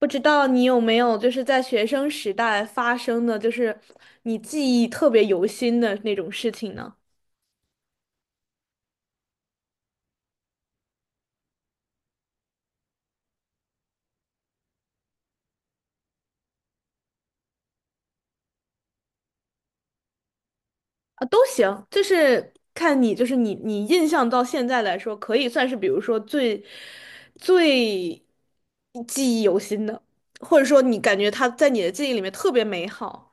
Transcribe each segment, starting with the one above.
不知道你有没有在学生时代发生的，你记忆特别犹新的那种事情呢？啊，都行，看你，你印象到现在来说，可以算是比如说最记忆犹新的，或者说你感觉他在你的记忆里面特别美好。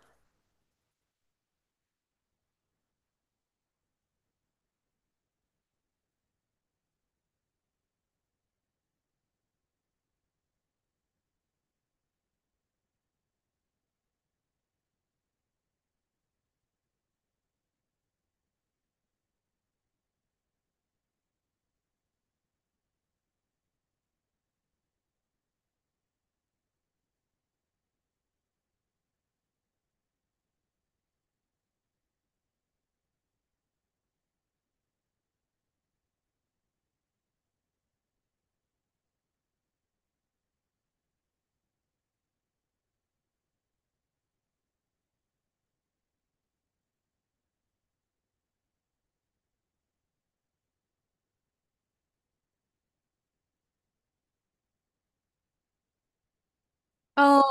哦，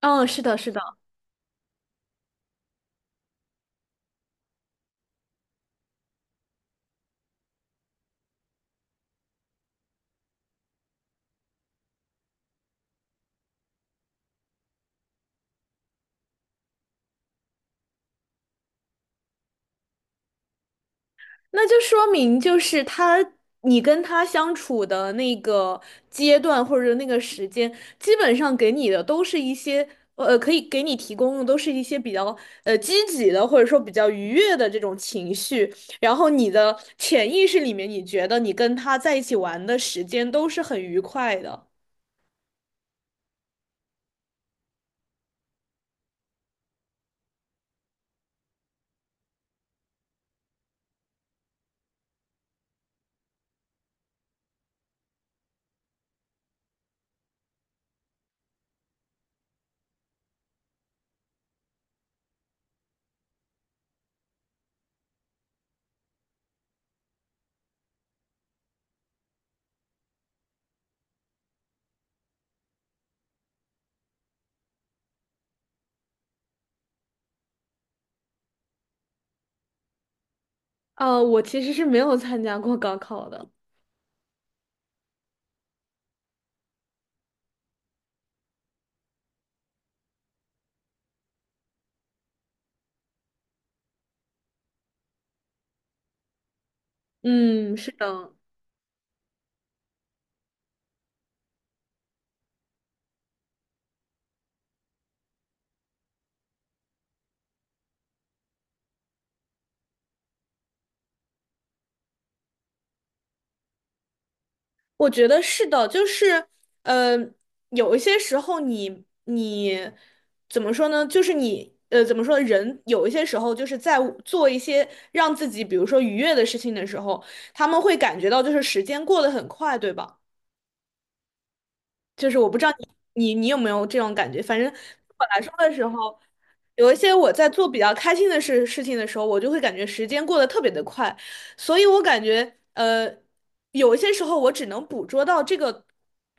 嗯，是的，是的。那就说明就是他，你跟他相处的那个阶段或者那个时间，基本上给你的都是一些可以给你提供的都是一些比较积极的或者说比较愉悦的这种情绪，然后你的潜意识里面，你觉得你跟他在一起玩的时间都是很愉快的。我其实是没有参加过高考的。嗯，是的。我觉得是的，呃，有一些时候你怎么说呢？就是你怎么说呢，人有一些时候就是在做一些让自己，比如说愉悦的事情的时候，他们会感觉到就是时间过得很快，对吧？就是我不知道你有没有这种感觉，反正对我来说的时候，有一些我在做比较开心的事情的时候，我就会感觉时间过得特别的快，所以我感觉有一些时候我只能捕捉到这个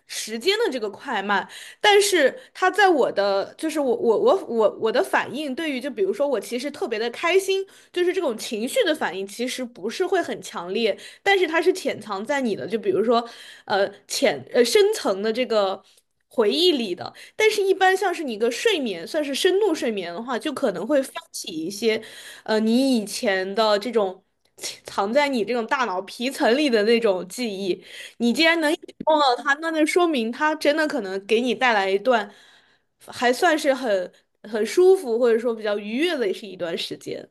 时间的这个快慢，但是它在我的，就是我的反应，对于就比如说我其实特别的开心，就是这种情绪的反应，其实不是会很强烈。但是它是潜藏在你的，就比如说，深层的这个回忆里的。但是，一般像是你一个睡眠，算是深度睡眠的话，就可能会发起一些，你以前的这种藏在你这种大脑皮层里的那种记忆。你既然能一直梦到它，那就说明它真的可能给你带来一段还算是很舒服，或者说比较愉悦的是一段时间。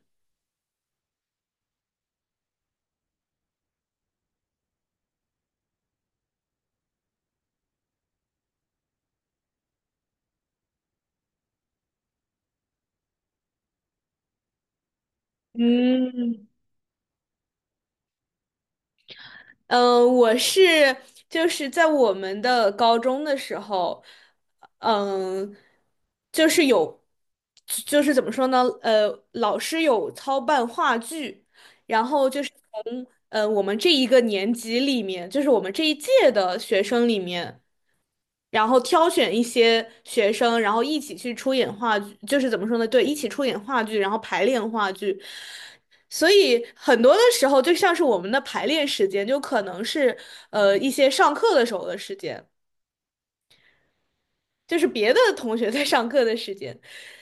嗯，嗯，我是就是在我们的高中的时候，嗯，就是有，就是怎么说呢？呃，老师有操办话剧，然后从我们这一个年级里面，就是我们这一届的学生里面，然后挑选一些学生，然后一起去出演话剧，就是怎么说呢？对，一起出演话剧，然后排练话剧。所以很多的时候，就像是我们的排练时间，就可能是一些上课的时候的时间，就是别的同学在上课的时间，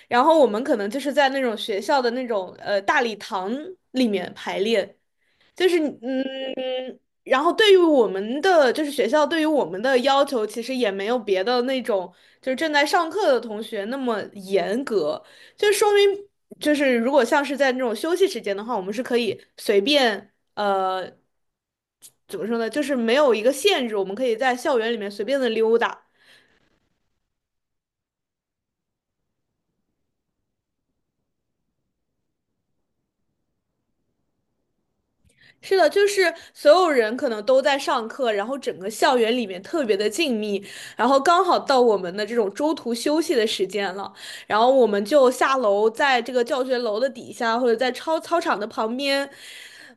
然后我们可能就是在那种学校的那种大礼堂里面排练。就是嗯，然后对于我们的，就是学校对于我们的要求，其实也没有别的那种就是正在上课的同学那么严格，就说明就是如果像是在那种休息时间的话，我们是可以随便怎么说呢，就是没有一个限制，我们可以在校园里面随便的溜达。是的，就是所有人可能都在上课，然后整个校园里面特别的静谧，然后刚好到我们的这种中途休息的时间了，然后我们就下楼，在这个教学楼的底下，或者在操场的旁边，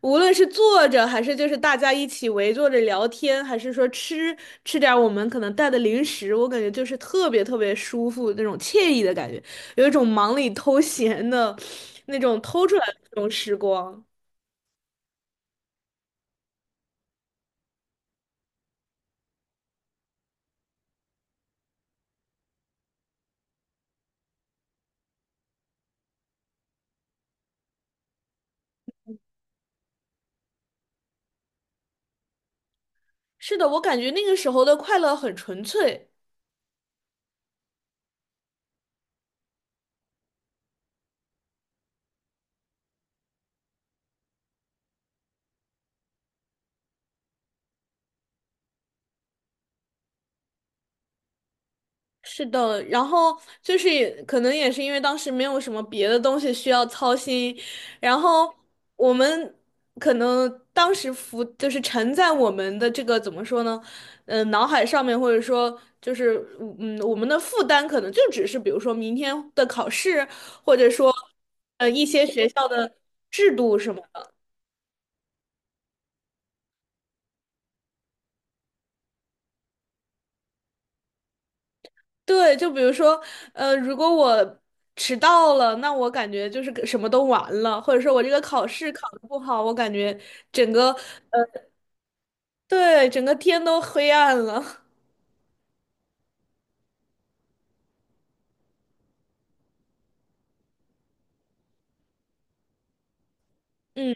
无论是坐着还是就是大家一起围坐着聊天，还是说吃点儿我们可能带的零食，我感觉就是特别特别舒服那种惬意的感觉，有一种忙里偷闲的那种偷出来的那种时光。是的，我感觉那个时候的快乐很纯粹。是的，然后就是也可能也是因为当时没有什么别的东西需要操心，然后我们可能当时浮就是沉在我们的这个怎么说呢，脑海上面或者说就是我们的负担可能就只是比如说明天的考试，或者说一些学校的制度什么。对，就比如说，呃，如果我迟到了，那我感觉就是个什么都完了，或者说我这个考试考得不好，我感觉整个，对，整个天都黑暗了。嗯，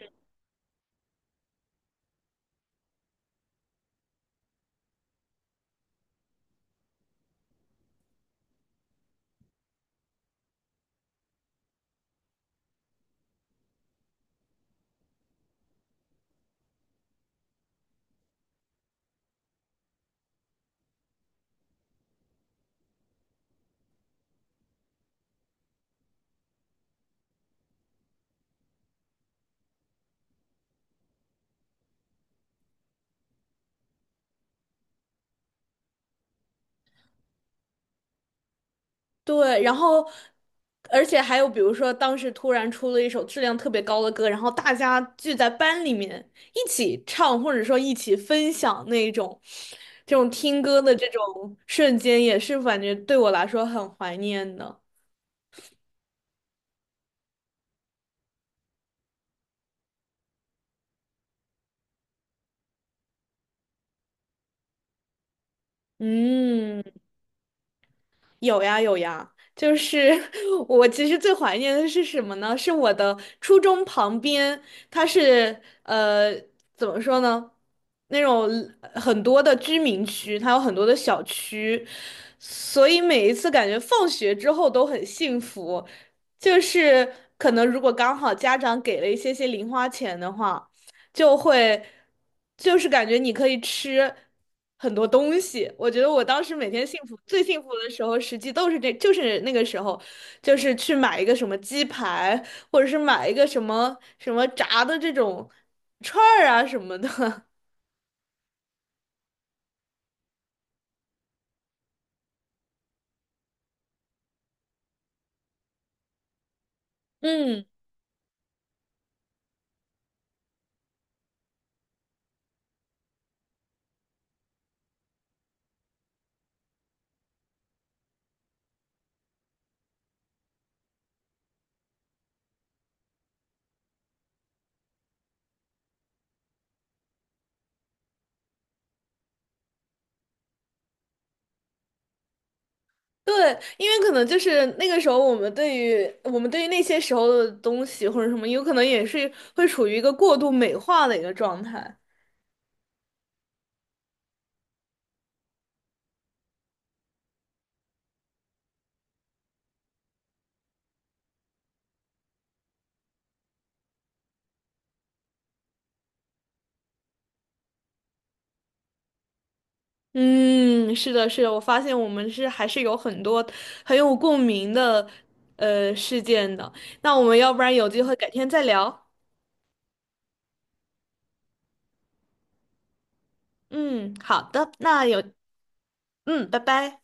对，然后，而且还有比如说，当时突然出了一首质量特别高的歌，然后大家聚在班里面一起唱，或者说一起分享那种，这种听歌的这种瞬间，也是感觉对我来说很怀念的。嗯。有呀有呀，就是 我其实最怀念的是什么呢？是我的初中旁边，它是怎么说呢？那种很多的居民区，它有很多的小区，所以每一次感觉放学之后都很幸福。就是可能如果刚好家长给了一些些零花钱的话。就会就是感觉你可以吃很多东西。我觉得我当时每天幸福最幸福的时候，实际都是这，就是那个时候，就是去买一个什么鸡排，或者是买一个什么什么炸的这种串儿啊什么的。嗯，对，因为可能就是那个时候，我们对于那些时候的东西或者什么，有可能也是会处于一个过度美化的一个状态。嗯，是的，是的，我发现我们是还是有很多很有共鸣的事件的。那我们要不然有机会改天再聊。嗯，好的，那有，嗯，拜拜。